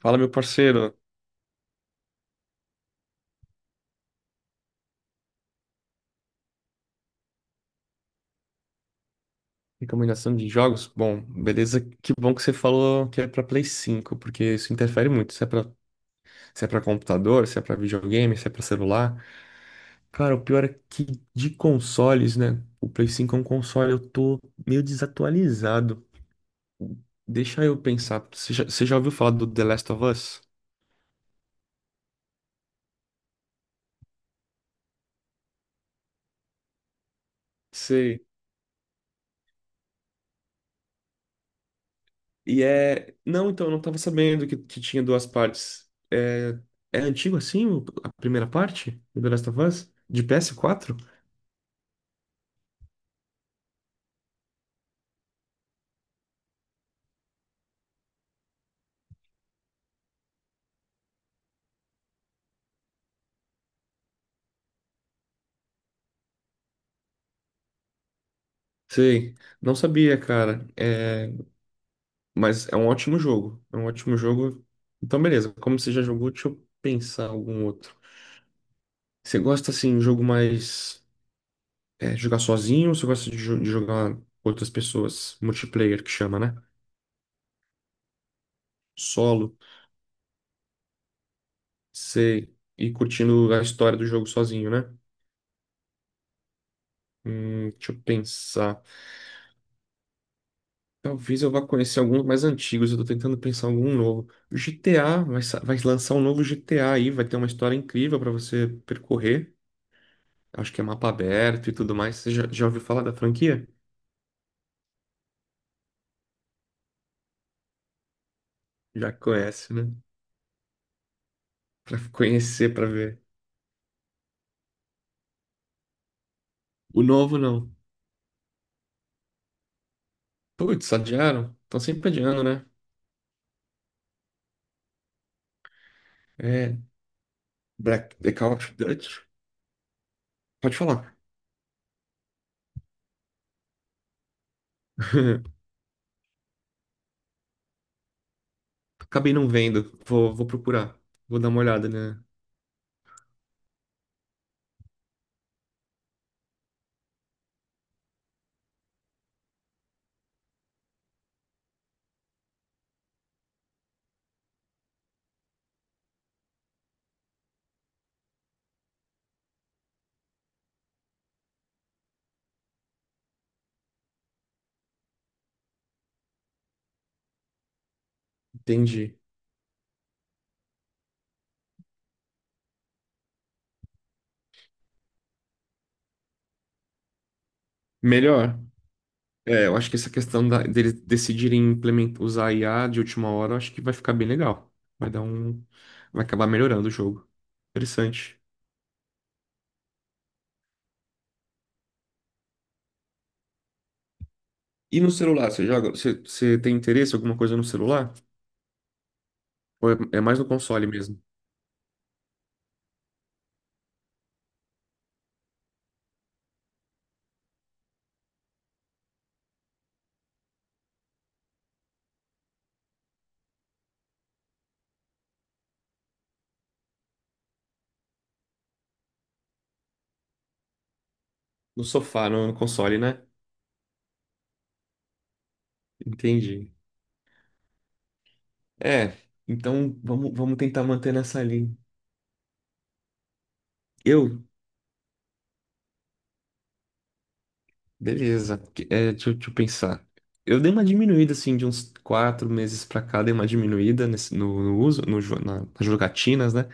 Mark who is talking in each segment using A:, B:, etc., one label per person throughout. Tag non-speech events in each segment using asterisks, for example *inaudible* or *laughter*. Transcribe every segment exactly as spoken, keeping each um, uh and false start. A: Fala, meu parceiro. Recomendação de jogos? Bom, beleza. Que bom que você falou que é pra Play cinco porque isso interfere muito. Se é pra, se é pra computador, se é pra videogame, se é pra celular. Cara, o pior é que de consoles, né? O Play cinco é um console, eu tô meio desatualizado. Deixa eu pensar. Você já, você já ouviu falar do The Last of Us? Sei. E é. Não, então, eu não tava sabendo que, que tinha duas partes. É... é antigo assim, o- a primeira parte do The Last of Us? De ps quatro. Sei, não sabia, cara. É... Mas é um ótimo jogo. É um ótimo jogo. Então, beleza. Como você já jogou, deixa eu pensar algum outro. Você gosta, assim, de jogo mais. É, jogar sozinho ou você gosta de, jo- de jogar com outras pessoas? Multiplayer, que chama, né? Solo. Sei. E curtindo a história do jogo sozinho, né? Hum, deixa eu pensar. Talvez eu vá conhecer alguns mais antigos, eu tô tentando pensar em algum novo. O G T A, vai, sa- vai lançar um novo G T A aí, vai ter uma história incrível pra você percorrer. Acho que é mapa aberto e tudo mais. Você já, já ouviu falar da franquia? Já conhece, né? *laughs* Pra conhecer, pra ver. O novo não. Putz, adiaram? Estão sempre adiando, né? É. Black, The Call of Duty. Pode falar. *laughs* Acabei não vendo. Vou, vou procurar. Vou dar uma olhada, né? Entendi. Melhor. É, eu acho que essa questão da- deles decidirem implementar, usar a I A de última hora, eu acho que vai ficar bem legal. Vai dar um. Vai acabar melhorando o jogo. Interessante. E no celular, você joga? Você, você tem interesse em alguma coisa no celular? Ou é, é mais no console mesmo? No sofá, no, no console, né? Entendi. É, então vamos, vamos tentar manter nessa linha. Eu? Beleza. Que- É, deixa, eu- deixa eu pensar. Eu dei uma diminuída, assim, de uns quatro meses pra cá, dei uma diminuída nesse- no, no uso, no, jo- na- nas jogatinas, né?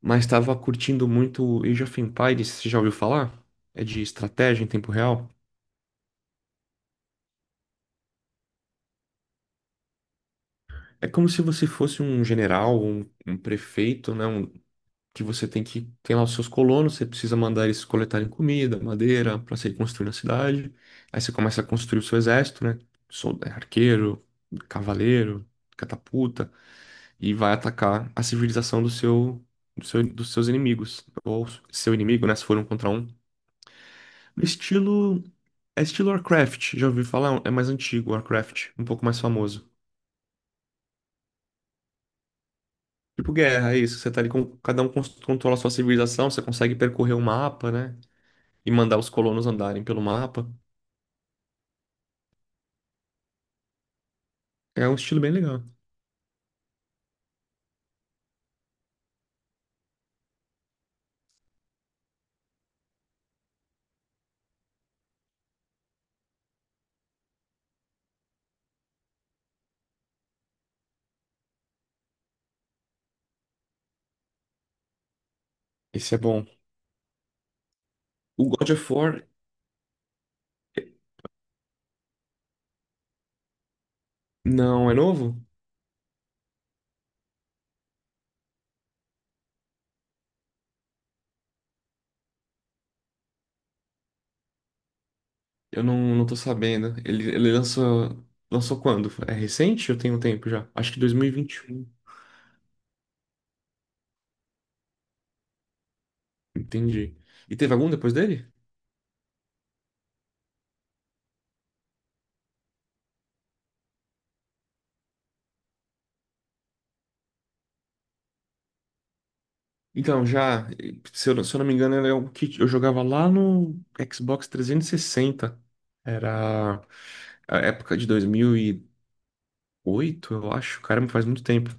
A: Mas estava curtindo muito Age of Empires, você já ouviu falar? É de estratégia em tempo real. É como se você fosse um general, um, um prefeito, né? Um- que você tem que tem lá os seus colonos, você precisa mandar eles coletarem comida, madeira, para você ir construindo a cidade. Aí você começa a construir o seu exército, né? Sol- é, arqueiro, cavaleiro, catapulta, e vai atacar a civilização do seu, do seu- dos seus inimigos. Ou seu inimigo, né? Se for um contra um. No estilo. É estilo Warcraft, já ouvi falar? É mais antigo, Warcraft, um pouco mais famoso. Tipo guerra, é isso. Você tá ali com. Cada um cons- controla a sua civilização, você consegue percorrer o mapa, né? E mandar os colonos andarem pelo mapa. É um estilo bem legal. Esse é bom. O God of War. É- Não, é novo? Eu não, não tô sabendo. Ele, ele lançou. Lançou quando? É recente? Eu tenho um tempo já. Acho que dois mil e vinte e um. Entendi. E teve algum depois dele? Então, já, se eu, se eu não me engano, era o que eu jogava lá no Xbox trezentos e sessenta. Era a época de dois mil e oito, eu acho. Caramba, faz muito tempo.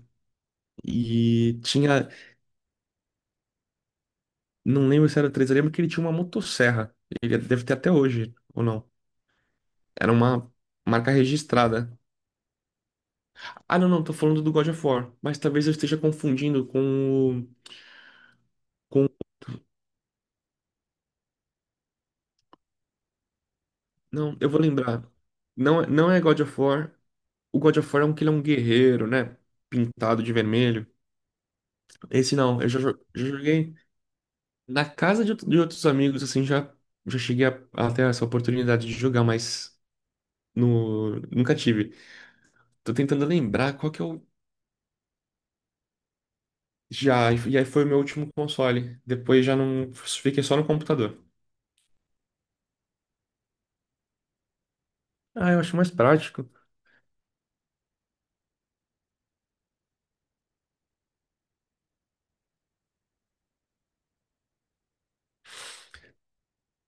A: E tinha, não lembro se era três, eu lembro que ele tinha uma motosserra. Ele deve ter até hoje, ou não. Era uma marca registrada. Ah, não, não, tô falando do God of War. Mas talvez eu esteja confundindo com o. Com... Não, eu vou lembrar. Não, é- não é God of War. O God of War é um que ele é um guerreiro, né? Pintado de vermelho. Esse não, eu já, jo- já joguei na casa de, outro- de outros amigos, assim, já, já cheguei a, a ter essa oportunidade de jogar, mas no, nunca tive. Tô tentando lembrar qual que eu já. E aí foi o meu último console. Depois já não. Fiquei só no computador. Ah, eu acho mais prático.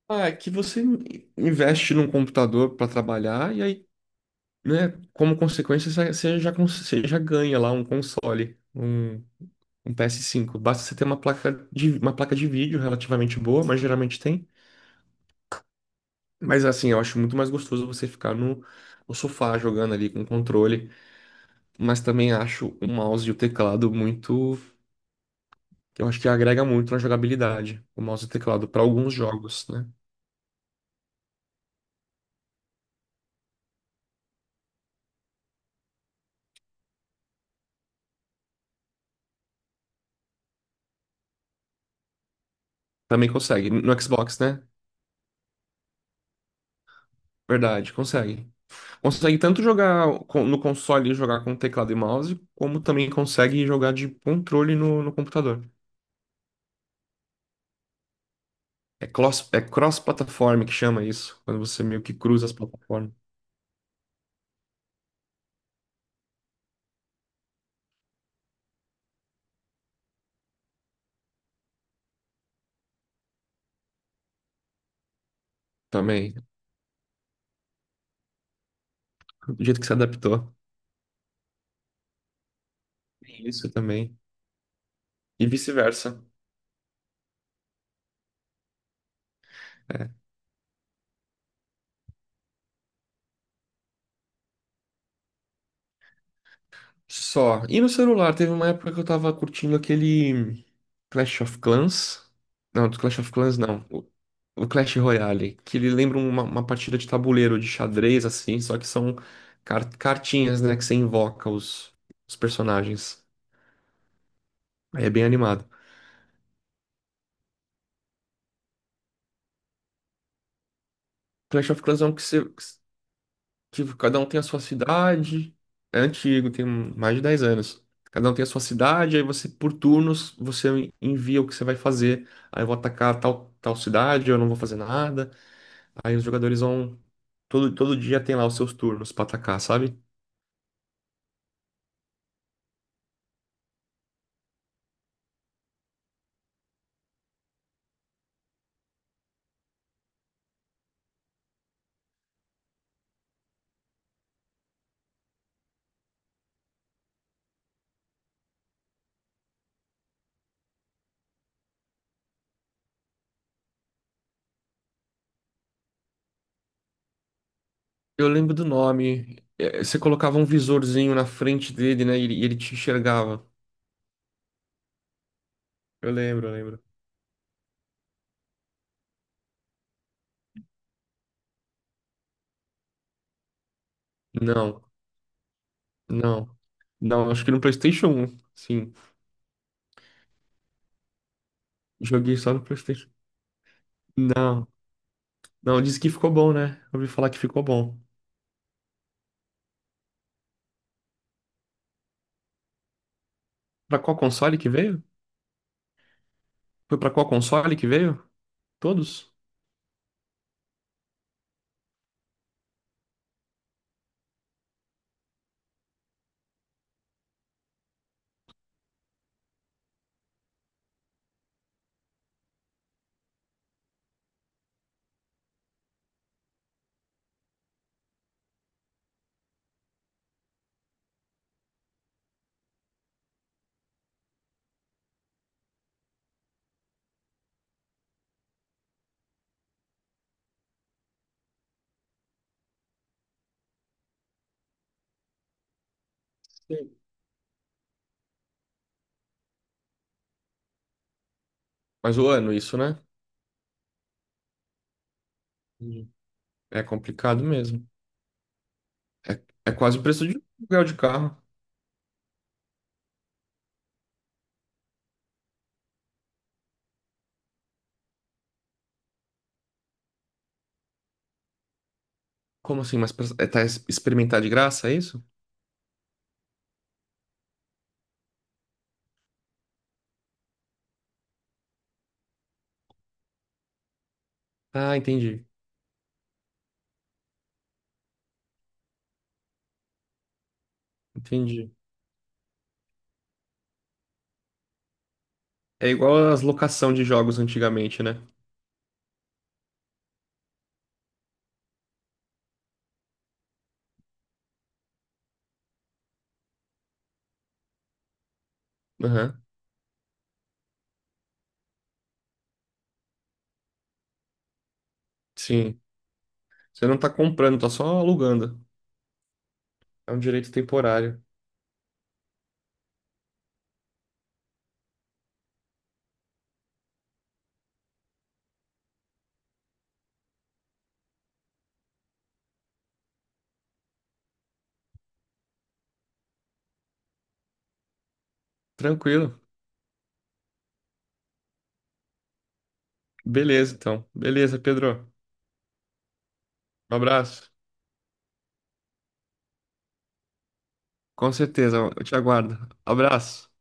A: Ah, é que você in- investe num computador para trabalhar e aí, né, como consequência, você você já, cons- você já ganha lá um console. Um. Um P S cinco. Basta você ter uma placa de, uma placa de vídeo relativamente boa, mas geralmente tem. Mas assim, eu acho muito mais gostoso você ficar no, no sofá jogando ali com o controle. Mas também acho o mouse e o teclado muito. Eu acho que agrega muito na jogabilidade. O mouse e o teclado, para alguns jogos, né? Também consegue. No Xbox, né? Verdade, consegue. Consegue tanto jogar com- no console e jogar com teclado e mouse, como também consegue jogar de controle no, no computador. É cross, é cross-plataforma que chama isso, quando você meio que cruza as plataformas também. Do jeito que se adaptou. Tem isso também. E vice-versa. É. Só. E no celular, teve uma época que eu tava curtindo aquele Clash of Clans. Não, do Clash of Clans não. O, o Clash Royale, que ele lembra uma, uma partida de tabuleiro, de xadrez, assim, só que são car- cartinhas, né, que você invoca os, os personagens. Aí é bem animado. Clash of Clans é um que você. Tipo, cada um tem a sua cidade. É antigo, tem mais de dez anos. Cada um tem a sua cidade, aí você, por turnos, você envia o que você vai fazer. Aí eu vou atacar tal, tal cidade, eu não vou fazer nada. Aí os jogadores vão. Todo, todo dia tem lá os seus turnos pra atacar, sabe? Eu lembro do nome. É, você colocava um visorzinho na frente dele, né? E ele, e ele te enxergava. Eu lembro, eu lembro. Não, não. Não, acho que no PlayStation um. Sim. Joguei só no PlayStation um. Não, Não, disse que ficou bom, né? Ouvi falar que ficou bom. Pra qual console que veio? Foi pra qual console que veio? Todos? Sim. Mas o ano, isso, né? Sim. É complicado mesmo. É, é quase o preço de um aluguel de carro. Como assim? Mas pra- é, tá es- experimentar de graça, é isso? Ah, entendi. Entendi. É igual as locação de jogos antigamente, né? Aham. Sim. Você não tá comprando, tá só alugando. É um direito temporário. Tranquilo. Beleza, então. Beleza, Pedro. Um abraço. Com certeza, eu te aguardo. Abraço.